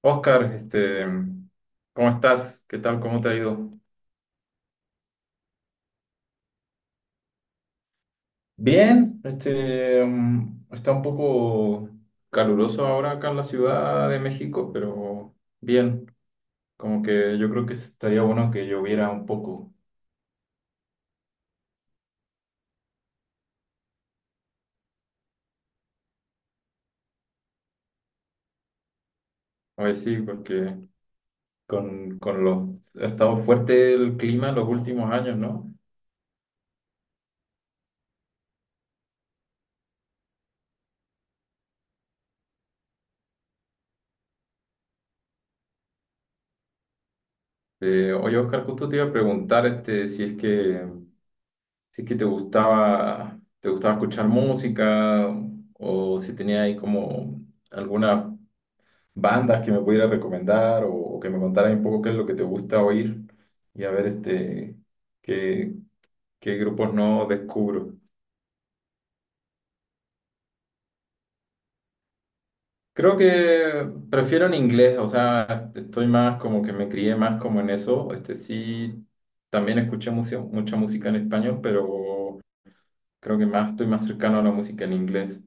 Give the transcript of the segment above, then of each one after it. Oscar, ¿cómo estás? ¿Qué tal? ¿Cómo te ha ido? Bien, está un poco caluroso ahora acá en la Ciudad de México, pero bien, como que yo creo que estaría bueno que lloviera un poco. A ver si porque ha estado fuerte el clima en los últimos años, ¿no? Oye, Oscar, justo te iba a preguntar si es que te gustaba escuchar música o si tenía ahí como algunas bandas que me pudiera recomendar o que me contara un poco qué es lo que te gusta oír y a ver qué, qué grupos no descubro. Creo que prefiero en inglés, o sea, estoy más como que me crié más como en eso. Este sí, también escuché mucha música en español, pero creo que más estoy más cercano a la música en inglés.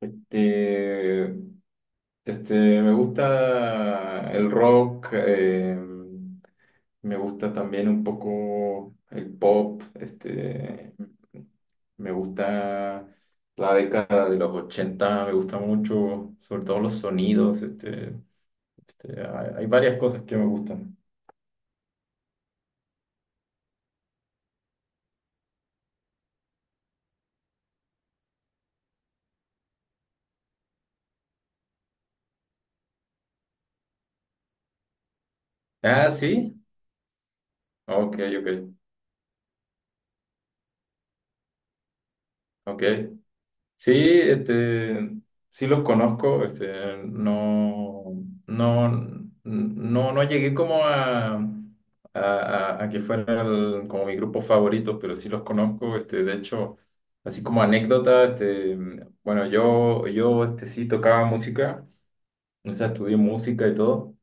Este, me gusta el rock, me gusta también un poco el pop, me gusta la década de los 80 me gusta mucho, sobre todo los sonidos, hay varias cosas que me gustan. Ah, sí, ok, ok, ok. Sí, este, sí los conozco, no llegué como a que fueran como mi grupo favorito, pero sí los conozco, de hecho, así como anécdota, bueno, sí tocaba música, o sea, estudié música y todo,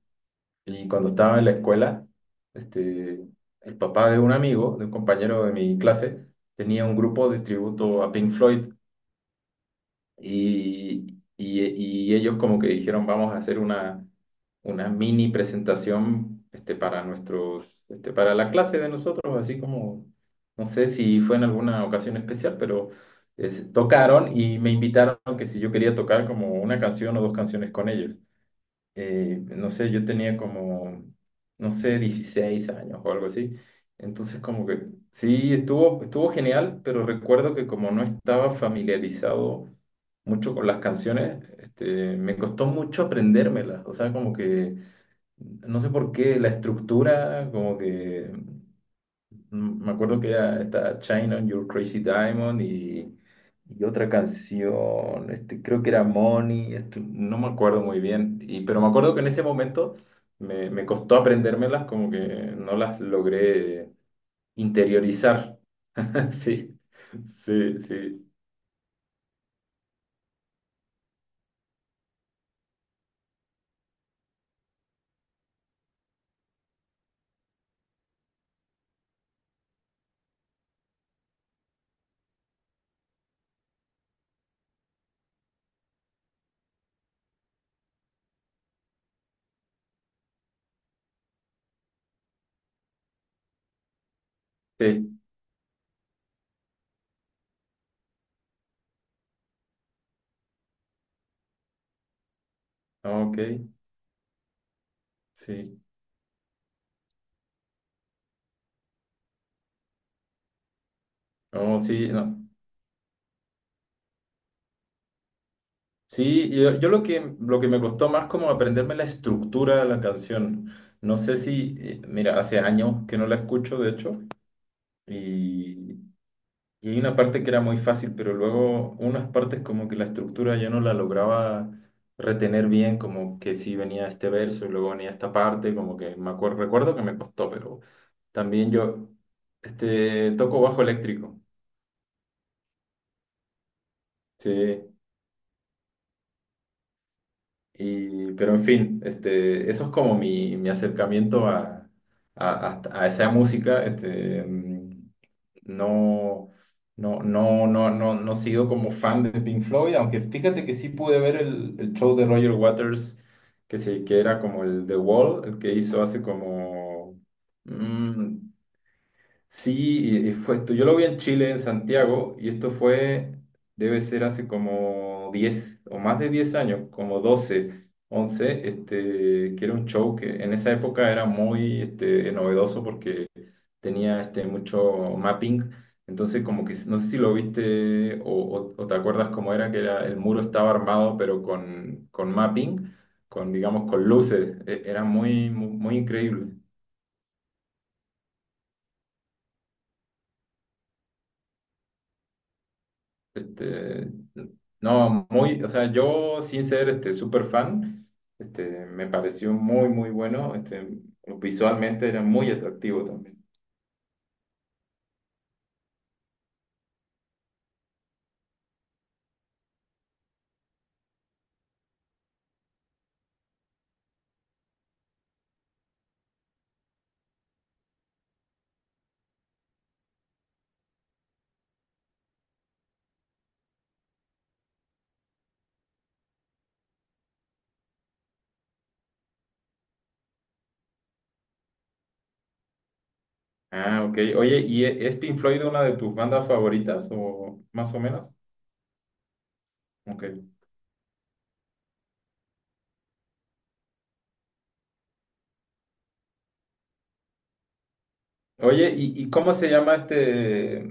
y cuando estaba en la escuela, este, el papá de un amigo, de un compañero de mi clase, tenía un grupo de tributo a Pink Floyd, y, y ellos como que dijeron, vamos a hacer una mini presentación para nuestros, para la clase de nosotros, así como, no sé si fue en alguna ocasión especial, pero tocaron y me invitaron que si yo quería tocar como una canción o dos canciones con ellos. No sé, yo tenía como, no sé, 16 años o algo así. Entonces como que sí, estuvo genial, pero recuerdo que como no estaba familiarizado, mucho con las canciones, me costó mucho aprendérmelas, o sea, como que, no sé por qué, la estructura, como que, mm, me acuerdo que era esta China on Your Crazy Diamond y otra canción, creo que era Money, no me acuerdo muy bien, y, pero me acuerdo que en ese momento me costó aprendérmelas, como que no las logré interiorizar. Sí, sí, sí, sí, ok, sí. No, sí, no. Sí, yo lo que me costó más como aprenderme la estructura de la canción. No sé si, mira, hace años que no la escucho, de hecho, y, y hay una parte que era muy fácil, pero luego unas partes como que la estructura yo no la lograba retener bien, como que sí venía este verso y luego venía esta parte, como que recuerdo que me costó, pero también toco bajo eléctrico. Sí, y, pero en fin, eso es como mi acercamiento a esa música. No, no sigo como fan de Pink Floyd, aunque fíjate que sí pude ver el show de Roger Waters, que era como el The Wall, el que hizo hace como, mm, sí, y fue esto. Yo lo vi en Chile, en Santiago, y esto fue, debe ser hace como 10 o más de 10 años, como 12, 11. Que era un show que en esa época era muy novedoso porque tenía mucho mapping. Entonces, como que no sé si lo viste o te acuerdas cómo era, que era, el muro estaba armado, pero con mapping, con, digamos, con luces. Era muy, muy, muy increíble. Este, no, muy, o sea, yo sin ser este súper fan, me pareció muy, muy bueno. Visualmente era muy atractivo también. Ah, ok. Oye, ¿y es Pink Floyd una de tus bandas favoritas o más o menos? Ok. Oye, ¿y cómo se llama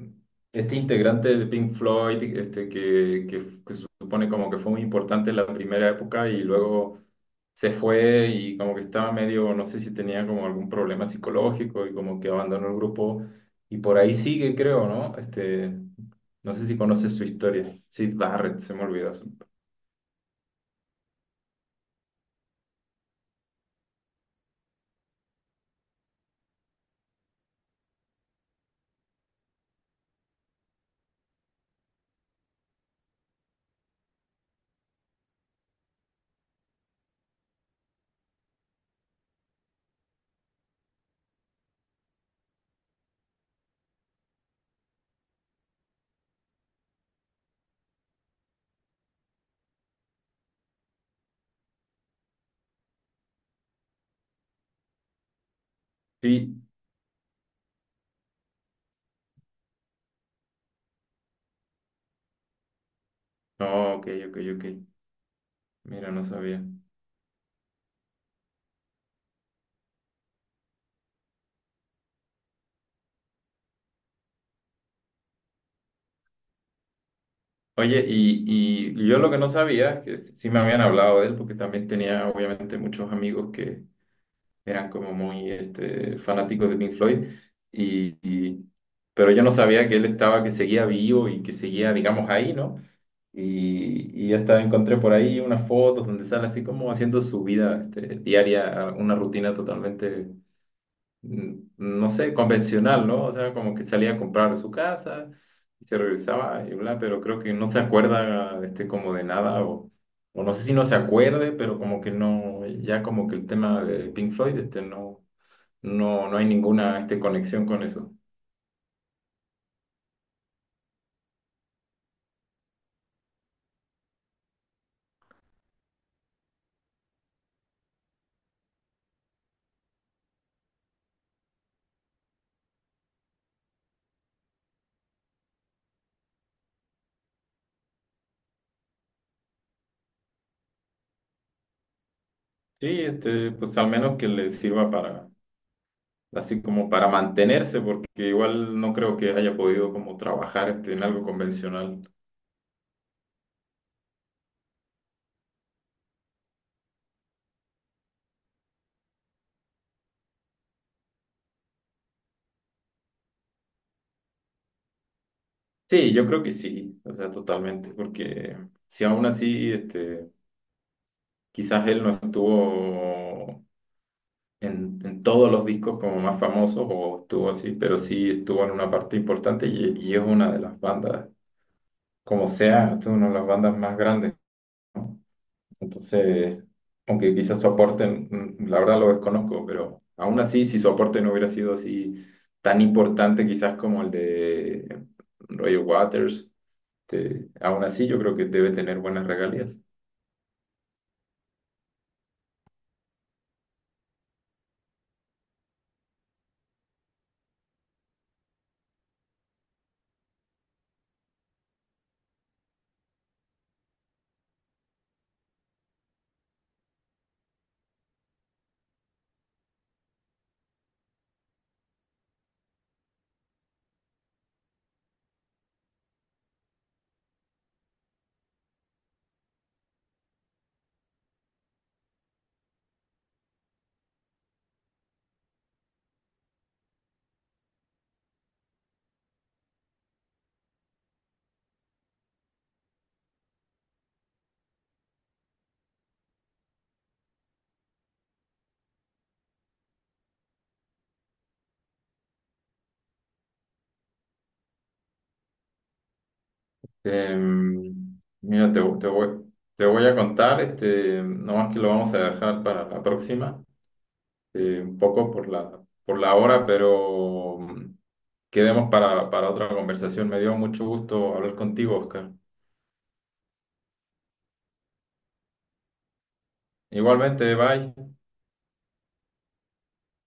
este integrante de Pink Floyd, que se supone como que fue muy importante en la primera época y luego se fue y como que estaba medio, no sé si tenía como algún problema psicológico y como que abandonó el grupo y por ahí sigue, creo, ¿no? No sé si conoces su historia. Sid Barrett, se me olvidó. Su- Sí, no, ok, ok, ok. Mira, no sabía. Oye, y yo lo que no sabía, que sí me habían hablado de él, porque también tenía obviamente muchos amigos que eran como muy fanáticos de Pink Floyd, y, y- pero yo no sabía que él estaba, que seguía vivo y que seguía, digamos, ahí, ¿no? Y hasta encontré por ahí unas fotos donde sale así como haciendo su vida diaria, una rutina totalmente mm, no sé, convencional, ¿no? O sea, como que salía a comprar a su casa y se regresaba y bla, pero creo que no se acuerda como de nada o no sé si no se acuerde, pero como que no, ya como que el tema de Pink Floyd, no, no hay ninguna conexión con eso. Sí, pues al menos que le sirva para, así como para mantenerse, porque igual no creo que haya podido como trabajar en algo convencional. Sí, yo creo que sí, o sea, totalmente, porque si aún así, quizás él no estuvo en todos los discos como más famosos o estuvo así, pero sí estuvo en una parte importante y es una de las bandas, como sea, es una de las bandas más grandes. Entonces, aunque quizás su aporte, mm, la verdad lo desconozco, pero aún así, si su aporte no hubiera sido así tan importante quizás como el de Roger Waters. Aún así, yo creo que debe tener buenas regalías. Mira, te voy a contar, nomás que lo vamos a dejar para la próxima, un poco por por la hora, pero mm, quedemos para otra conversación. Me dio mucho gusto hablar contigo, Oscar. Igualmente, bye.